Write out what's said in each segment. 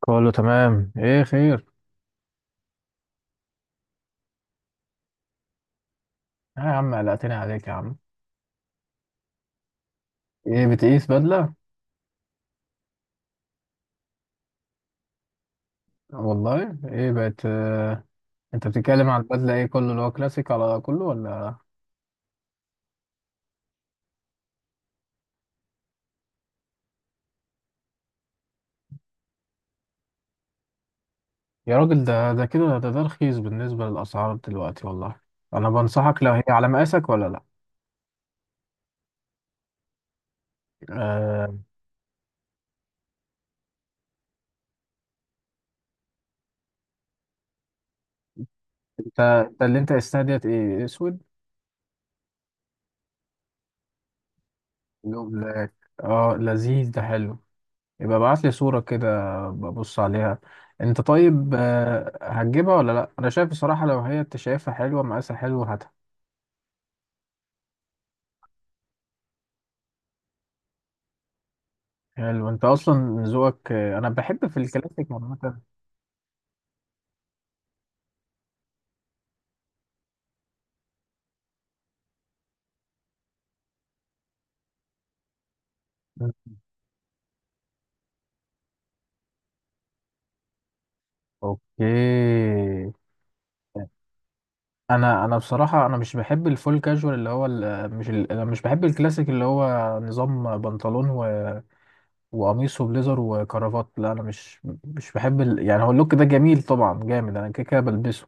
كله تمام، ايه خير؟ آه يا عم، قلقتني عليك يا عم. ايه، بتقيس بدلة؟ والله ايه بقت انت بتتكلم على البدلة ايه، كله اللي هو كلاسيك على كله ولا؟ يا راجل، ده كده، ده رخيص بالنسبة للأسعار دلوقتي والله. انا بنصحك، لو هي على مقاسك ولا لا؟ آه. انت انت اللي انت استهديت ايه، اسود لو بلاك؟ اه لذيذ، ده حلو. يبقى ابعت لي صورة كده ببص عليها. انت طيب هتجيبها ولا لا؟ انا شايف بصراحة، لو هي انت شايفها حلوة مقاسها حلو، هاتها. حلو، انت اصلا ذوقك انا بحب في الكلاسيك عامة. اوكي. انا بصراحة انا مش بحب الفول كاجوال اللي هو ال- مش ال... انا مش بحب الكلاسيك اللي هو نظام بنطلون وقميص وبليزر وكرافات. لا انا مش بحب يعني هو اللوك ده جميل طبعا، جامد، انا كده كده بلبسه.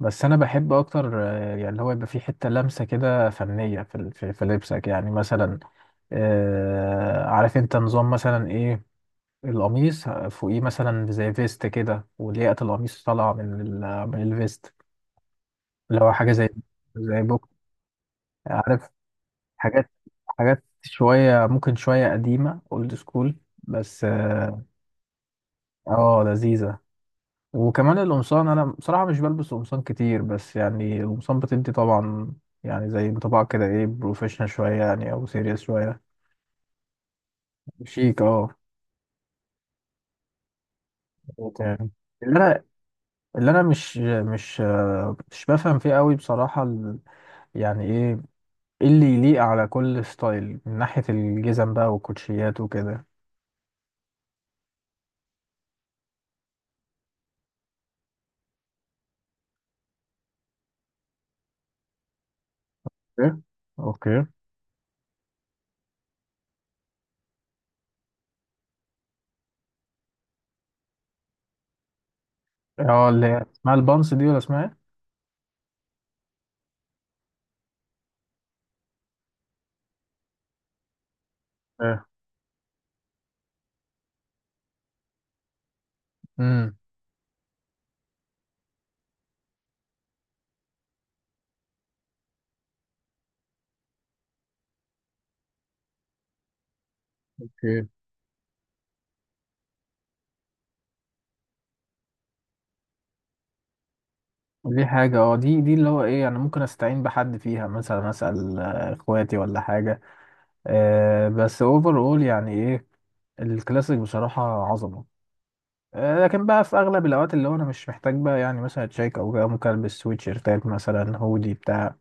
بس انا بحب اكتر، يعني اللي هو يبقى فيه حته لمسه كده فنيه في ال- في في لبسك، يعني مثلا، عارف انت نظام مثلا ايه؟ القميص فوقيه مثلا زي فيست كده، ولياقه القميص طالعه من الفيست، اللي هو حاجه زي زي بوك. عارف، حاجات، حاجات شويه، ممكن شويه قديمه، اولد سكول، بس اه لذيذه. وكمان القمصان، انا بصراحه مش بلبس قمصان كتير، بس يعني القمصان بتدي طبعا، يعني زي بطبع كده ايه، بروفيشنال شويه يعني، او سيريس شويه. شيك اه. مظبوط يعني. اللي انا اللي انا مش مش بفهم فيه قوي بصراحه يعني ايه، إيه اللي يليق على كل ستايل من ناحيه الجزم بقى والكوتشيات وكده. اوكي، اوكي. اه، اللي هي اسمها البانس دي ولا اسمها ايه؟ اه. امم. دي حاجة اه، دي اللي هو ايه، يعني ممكن استعين بحد فيها، مثلا اسأل اخواتي ولا حاجة. آه، بس اوفر اول يعني ايه، الكلاسيك بصراحة عظمة. آه، لكن بقى في اغلب الاوقات اللي هو انا مش محتاج بقى، يعني مثلا تشيك او كده، ممكن البس سويتشيرتات مثلا، هودي بتاع.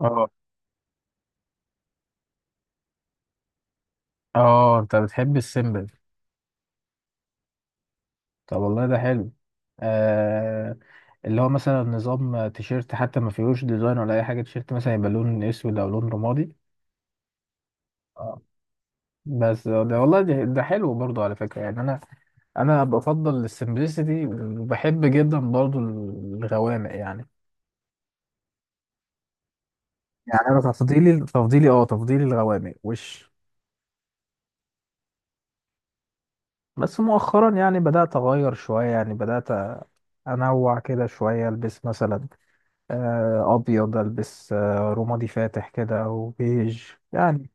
اه اه، انت بتحب السيمبل. طب والله ده حلو. آه، اللي هو مثلا نظام تيشيرت حتى ما فيهوش ديزاين ولا اي حاجة، تيشيرت مثلا يبقى لون اسود او لون رمادي. آه. بس ده والله، ده حلو برضو على فكرة، يعني أنا بفضل السمبلسيتي، وبحب جدا برضو الغوامق يعني. يعني أنا تفضيلي الغوامق وش. بس مؤخرا يعني بدأت أغير شوية، يعني بدأت أنوع كده شوية، ألبس مثلا أبيض، ألبس رمادي فاتح كده أو بيج يعني.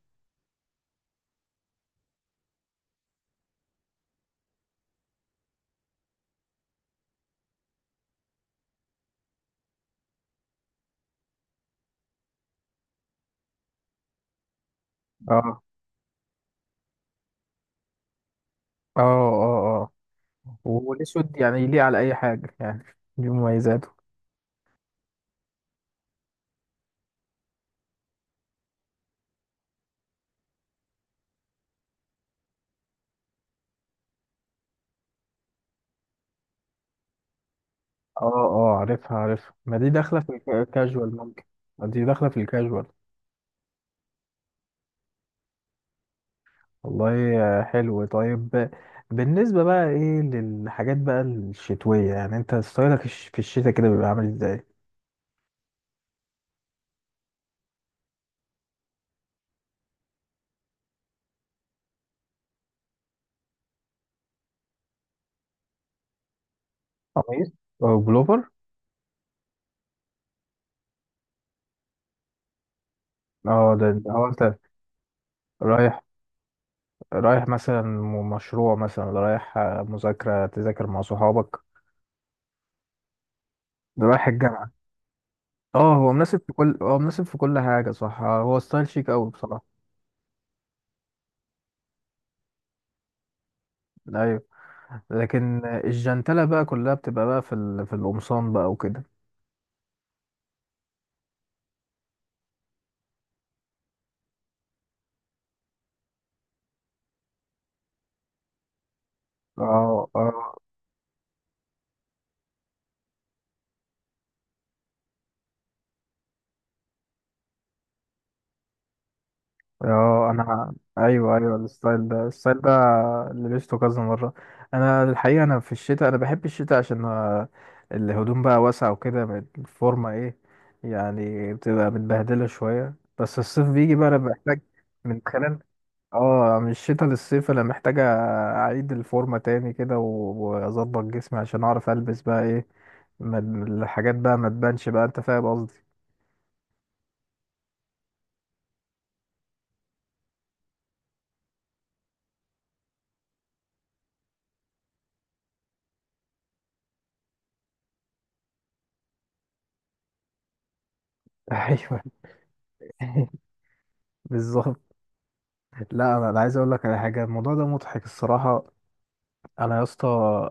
أه أه. والأسود يعني يليق على أي حاجة يعني، دي مميزاته. اه اه، عارفها عارفها، ما دي داخلة في الكاجوال ممكن، دي داخلة في الكاجوال. والله حلو طيب. بالنسبة بقى ايه للحاجات بقى الشتوية، يعني انت ستايلك في الشتاء كده بيبقى عامل ازاي؟ قميص او بلوفر. اه، ده ده هو انت رايح، رايح مثلا مشروع مثلا، ولا رايح مذاكرة تذاكر مع صحابك، ده رايح الجامعة. اه، هو مناسب في كل حاجة صح، هو ستايل شيك اوي بصراحة. ايوه، لكن الجنتلة بقى كلها بتبقى بقى في القمصان بقى وكده. اه اه اه، انا ايوه ايوه، الستايل ده، الستايل ده لبسته كذا مره. انا الحقيقه، انا في الشتاء انا بحب الشتاء عشان الهدوم بقى واسعه وكده، الفورمه ايه يعني، بتبقى متبهدله شويه. بس الصيف بيجي بقى انا بحتاج من خلال اه من الشتاء للصيف انا محتاج اعيد الفورمه تاني كده واظبط جسمي عشان اعرف البس بقى ايه، ما الحاجات بقى ما تبانش بقى، انت فاهم قصدي. ايوه، بالظبط. لا انا، أنا عايز اقول لك على حاجه، الموضوع ده مضحك الصراحه. انا يا اسطى،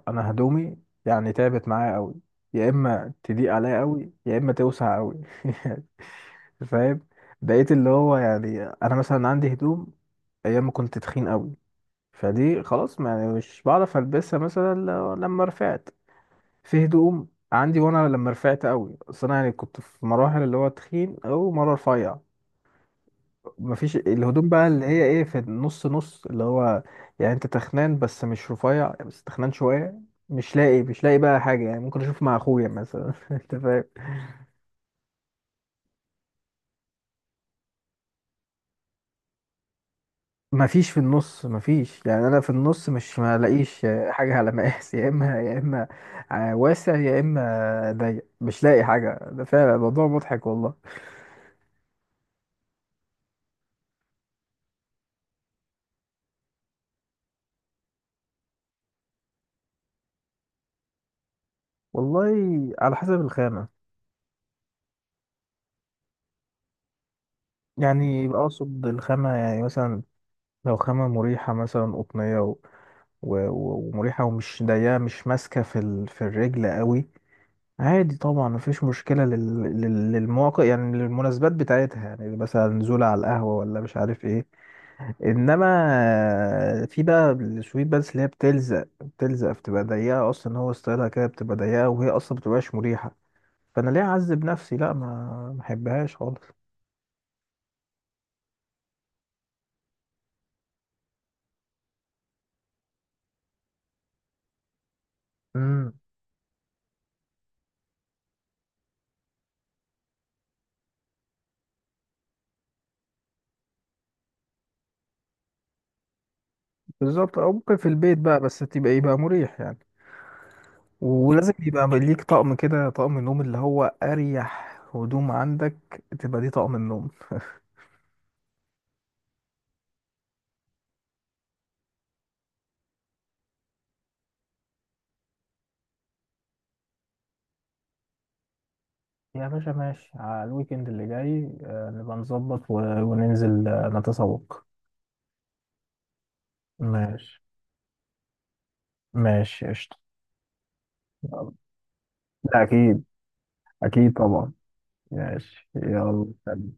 انا هدومي يعني تعبت معايا قوي، يا اما تضيق عليا قوي يا اما توسع قوي. فاهم. بقيت اللي هو يعني انا مثلا عندي هدوم ايام ما كنت تخين قوي، فدي خلاص ما يعني مش بعرف البسها مثلا، لما رفعت، في هدوم عندي وانا لما رفعت قوي، اصل انا يعني كنت في مراحل اللي هو تخين او مره رفيع، مفيش الهدوم بقى اللي هي ايه في النص، نص اللي هو يعني انت تخنان بس مش رفيع، بس تخنان شويه. مش لاقي بقى حاجه، يعني ممكن اشوف مع اخويا مثلا. انت فاهم، مفيش في النص مفيش، يعني انا في النص مش ما لاقيش حاجه على مقاس. يا اما واسع يا اما ضيق، مش لاقي حاجه، ده فعلا الموضوع مضحك والله. والله على حسب الخامه، يعني اقصد الخامة يعني مثلا، لو خامة مريحة مثلا قطنية ومريحة ومش ضيقة، مش ماسكة في الرجل قوي، عادي طبعا مفيش مشكلة للمواقع، يعني للمناسبات بتاعتها، يعني مثلا نزولة على القهوة ولا مش عارف ايه. انما في بقى السويت، بس اللي هي بتلزق، بتلزق بتبقى ضيقة، اصلا هو ستايلها كده بتبقى ضيقة، وهي اصلا بتبقاش مريحة، فانا ليه اعذب نفسي؟ لا ما ما احبهاش خالص. بالظبط، او ممكن في البيت بقى، بس تبقى يبقى مريح يعني، ولازم يبقى ليك طقم كده، طقم النوم اللي هو اريح هدوم عندك تبقى دي طقم النوم. يا باشا ماشي، على الويكند اللي جاي نبقى نظبط وننزل نتسوق. ماشي، ماشي قشطة. يلا. لا أكيد، أكيد طبعا. ماشي يلا.